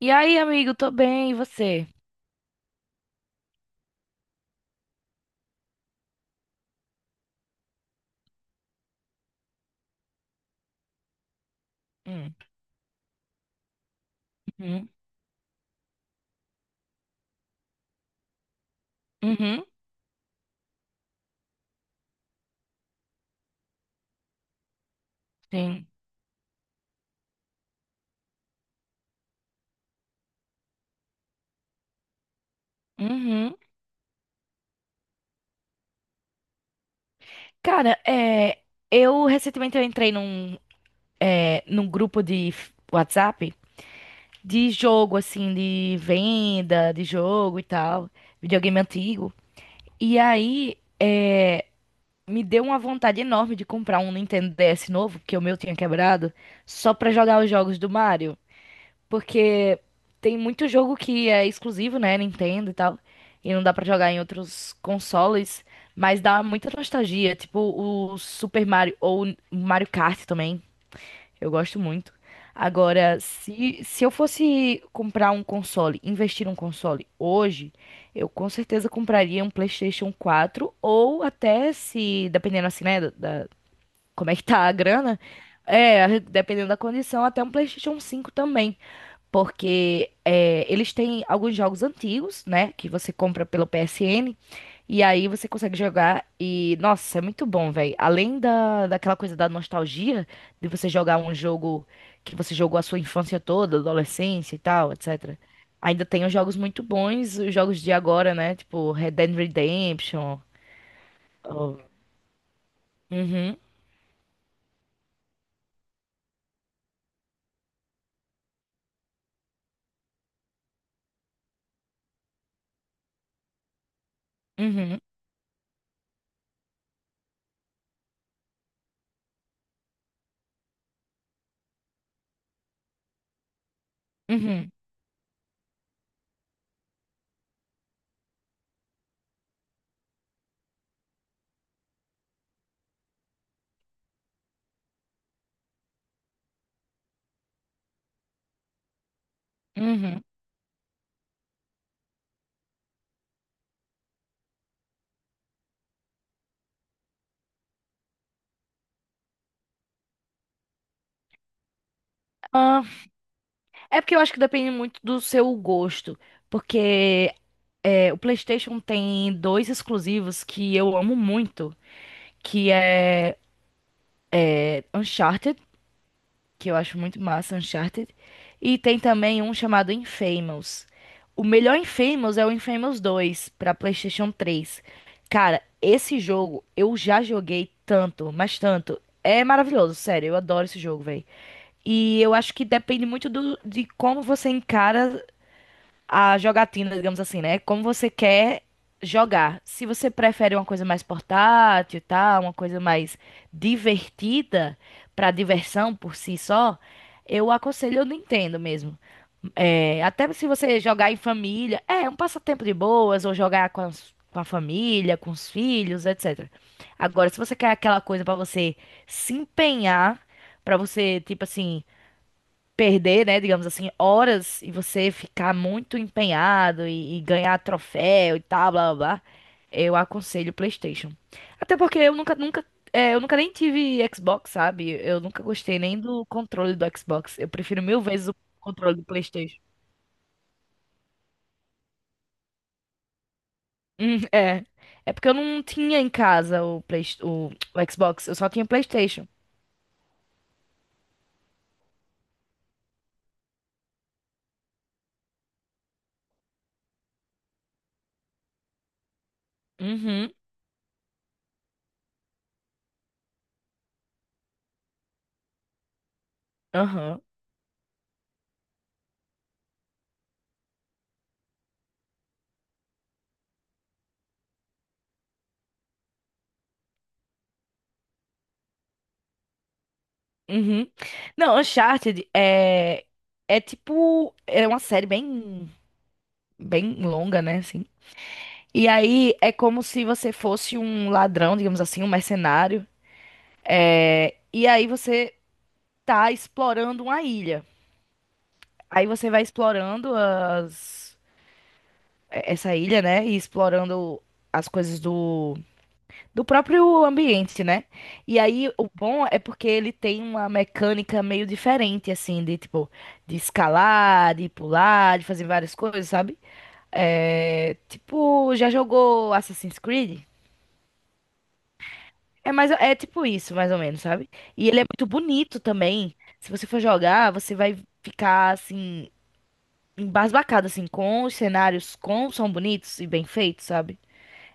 E aí, amigo, tô bem, e você? Hum, Uhum, uhum, sim. Uhum. Cara, é, eu recentemente eu entrei é, num grupo de WhatsApp de jogo, assim, de venda de jogo e tal, videogame antigo. E aí, me deu uma vontade enorme de comprar um Nintendo DS novo, porque o meu tinha quebrado, só pra jogar os jogos do Mario. Porque tem muito jogo que é exclusivo, né, Nintendo e tal, e não dá pra jogar em outros consoles, mas dá muita nostalgia, tipo o Super Mario ou o Mario Kart também, eu gosto muito. Agora, se eu fosse comprar um console, investir um console hoje, eu com certeza compraria um PlayStation 4 ou até se, dependendo assim, né, da- como é que tá a grana, é, dependendo da condição, até um PlayStation 5 também. Porque é, eles têm alguns jogos antigos, né? Que você compra pelo PSN. E aí você consegue jogar. E, nossa, é muito bom, velho. Além daquela coisa da nostalgia, de você jogar um jogo que você jogou a sua infância toda, adolescência e tal, etc. Ainda tem os jogos muito bons, os jogos de agora, né? Tipo Red Dead Redemption. ou- Uhum, uhum, uhum, uhum. Ah, é porque eu acho que depende muito do seu gosto. Porque o PlayStation tem dois exclusivos que eu amo muito, que é Uncharted, que eu acho muito massa, Uncharted, e tem também um chamado Infamous. O melhor Infamous é o Infamous 2 para PlayStation 3. Cara, esse jogo eu já joguei tanto, mas tanto. É maravilhoso, sério, eu adoro esse jogo, velho. E eu acho que depende muito de como você encara a jogatina, digamos assim, né? Como você quer jogar. Se você prefere uma coisa mais portátil, tá? Uma coisa mais divertida para diversão por si só, eu aconselho o Nintendo mesmo. É, até se você jogar em família, é um passatempo de boas, ou jogar com com a família, com os filhos, etc. Agora, se você quer aquela coisa para você se empenhar, para você, tipo assim, perder, né, digamos assim, horas e você ficar muito empenhado e ganhar troféu e tal, blá blá blá, eu aconselho o PlayStation. Até porque eu nunca nem tive Xbox, sabe? Eu nunca gostei nem do controle do Xbox. Eu prefiro mil vezes o controle do PlayStation. É. É porque eu não tinha em casa o Xbox, eu só tinha PlayStation. Uhum, aham, uhum. Não, é tipo. É uma série bem. Bem longa, né, assim. E aí é como se você fosse um ladrão, digamos assim, um mercenário. E aí você tá explorando uma ilha. Aí você vai explorando essa ilha, né? E explorando as coisas do... do próprio ambiente, né? E aí o bom é porque ele tem uma mecânica meio diferente, assim, de tipo, de escalar, de pular, de fazer várias coisas, sabe? É... Tipo, já jogou Assassin's Creed? É mais, é tipo isso, mais ou menos, sabe? E ele é muito bonito também. Se você for jogar, você vai ficar assim embasbacado assim com os cenários, como são bonitos e bem feitos, sabe?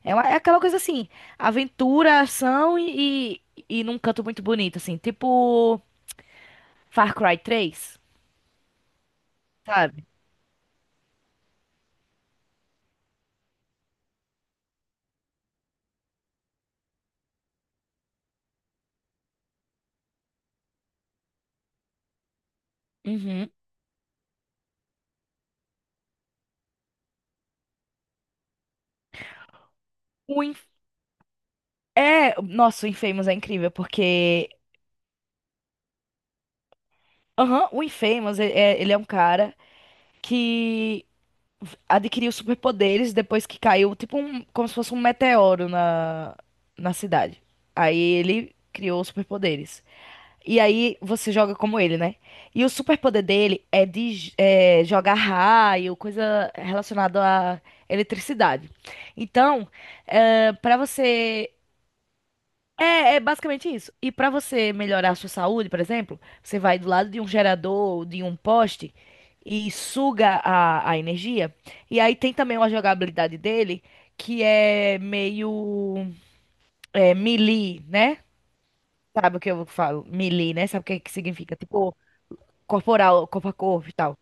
É, é aquela coisa assim, aventura, ação e num canto muito bonito assim, tipo Far Cry 3 sabe? Uhum. O Inf- Nossa, o Infamous ele é um cara que adquiriu superpoderes depois que caiu, tipo um, como se fosse um meteoro na cidade. Aí ele criou os superpoderes. E aí você joga como ele, né? E o superpoder dele é de jogar raio, coisa relacionada à eletricidade. Então, para você é, é basicamente isso. E pra você melhorar a sua saúde, por exemplo, você vai do lado de um gerador, de um poste e suga a energia. E aí tem também uma jogabilidade dele que é meio é, melee, né? Sabe o que eu falo? Melee, né? Sabe o que que significa? Tipo, corporal, corpo a corpo e tal.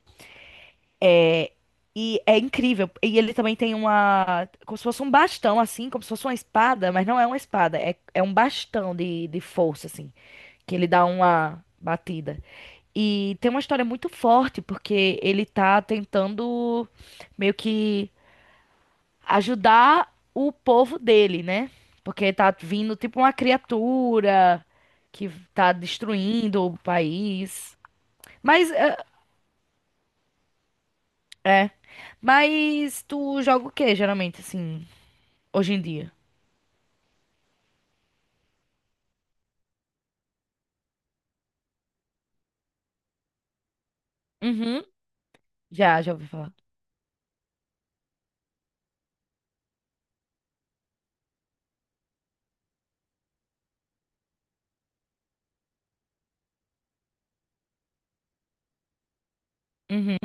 E é incrível. E ele também tem uma. Como se fosse um bastão, assim, como se fosse uma espada, mas não é uma espada, é um bastão de força, assim. Que ele dá uma batida. E tem uma história muito forte, porque ele tá tentando meio que ajudar o povo dele, né? Porque tá vindo tipo uma criatura que tá destruindo o país. Mas é, é. Mas tu joga o quê, geralmente, assim, hoje em dia? Uhum. Já, já ouvi falar. Uhum.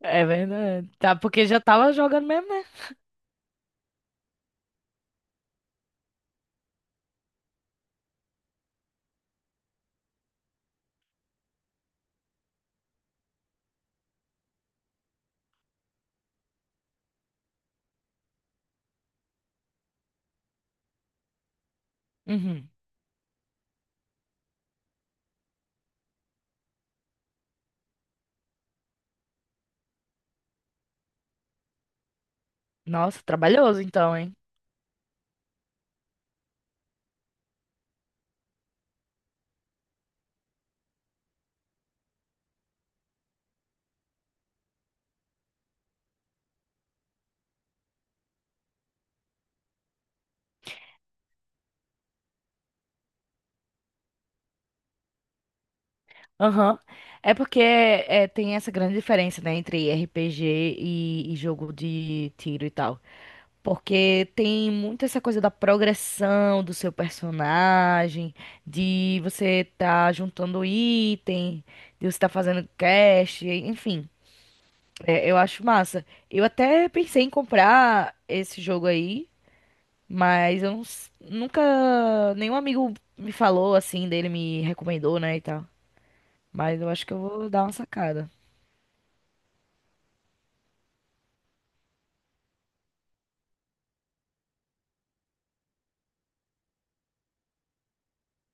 É verdade. Tá, porque já tava jogando mesmo, né? Uhum. Nossa, trabalhoso então, hein? Aham. É porque é, tem essa grande diferença, né, entre RPG e jogo de tiro e tal. Porque tem muito essa coisa da progressão do seu personagem, de você tá juntando item, de você tá fazendo quest, enfim. É, eu acho massa. Eu até pensei em comprar esse jogo aí, mas eu nunca. Nenhum amigo me falou assim dele, me recomendou, né, e tal. Mas eu acho que eu vou dar uma sacada.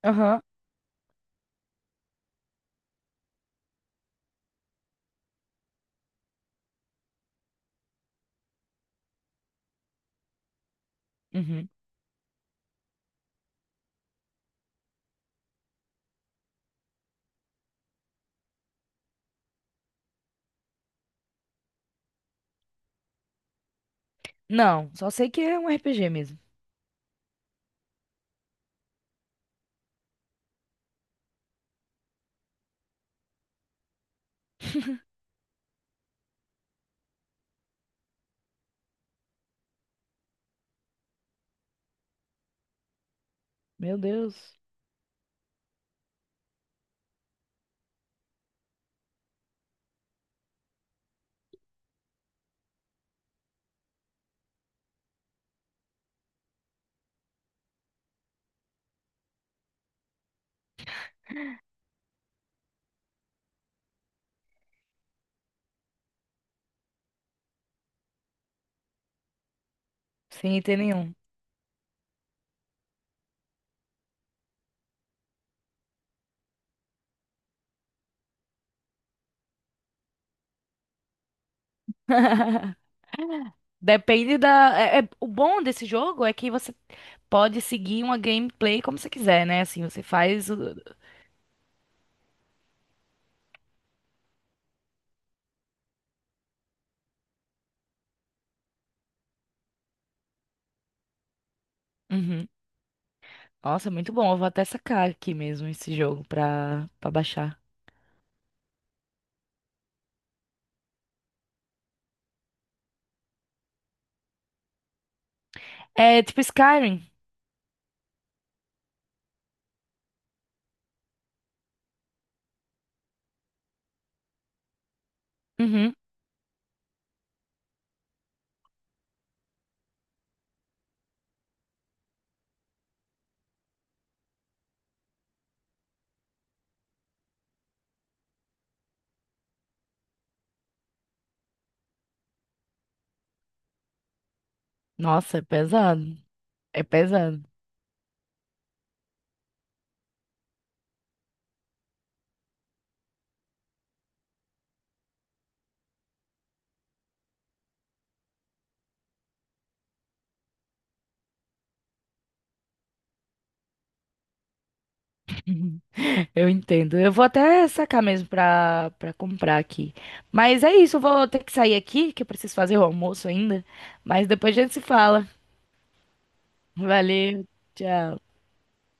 Aham. Uhum. Não, só sei que é um RPG mesmo. Meu Deus, sem item nenhum. Depende da. O bom desse jogo é que você pode seguir uma gameplay como você quiser, né? Assim, Uhum. Nossa, é muito bom. Eu vou até sacar aqui mesmo esse jogo pra baixar. É tipo Skyrim. Uhum. Nossa, é pesado. É pesado. Uhum. Eu entendo. Eu vou até sacar mesmo pra comprar aqui. Mas é isso, eu vou ter que sair aqui, que eu preciso fazer o almoço ainda. Mas depois a gente se fala. Valeu, tchau.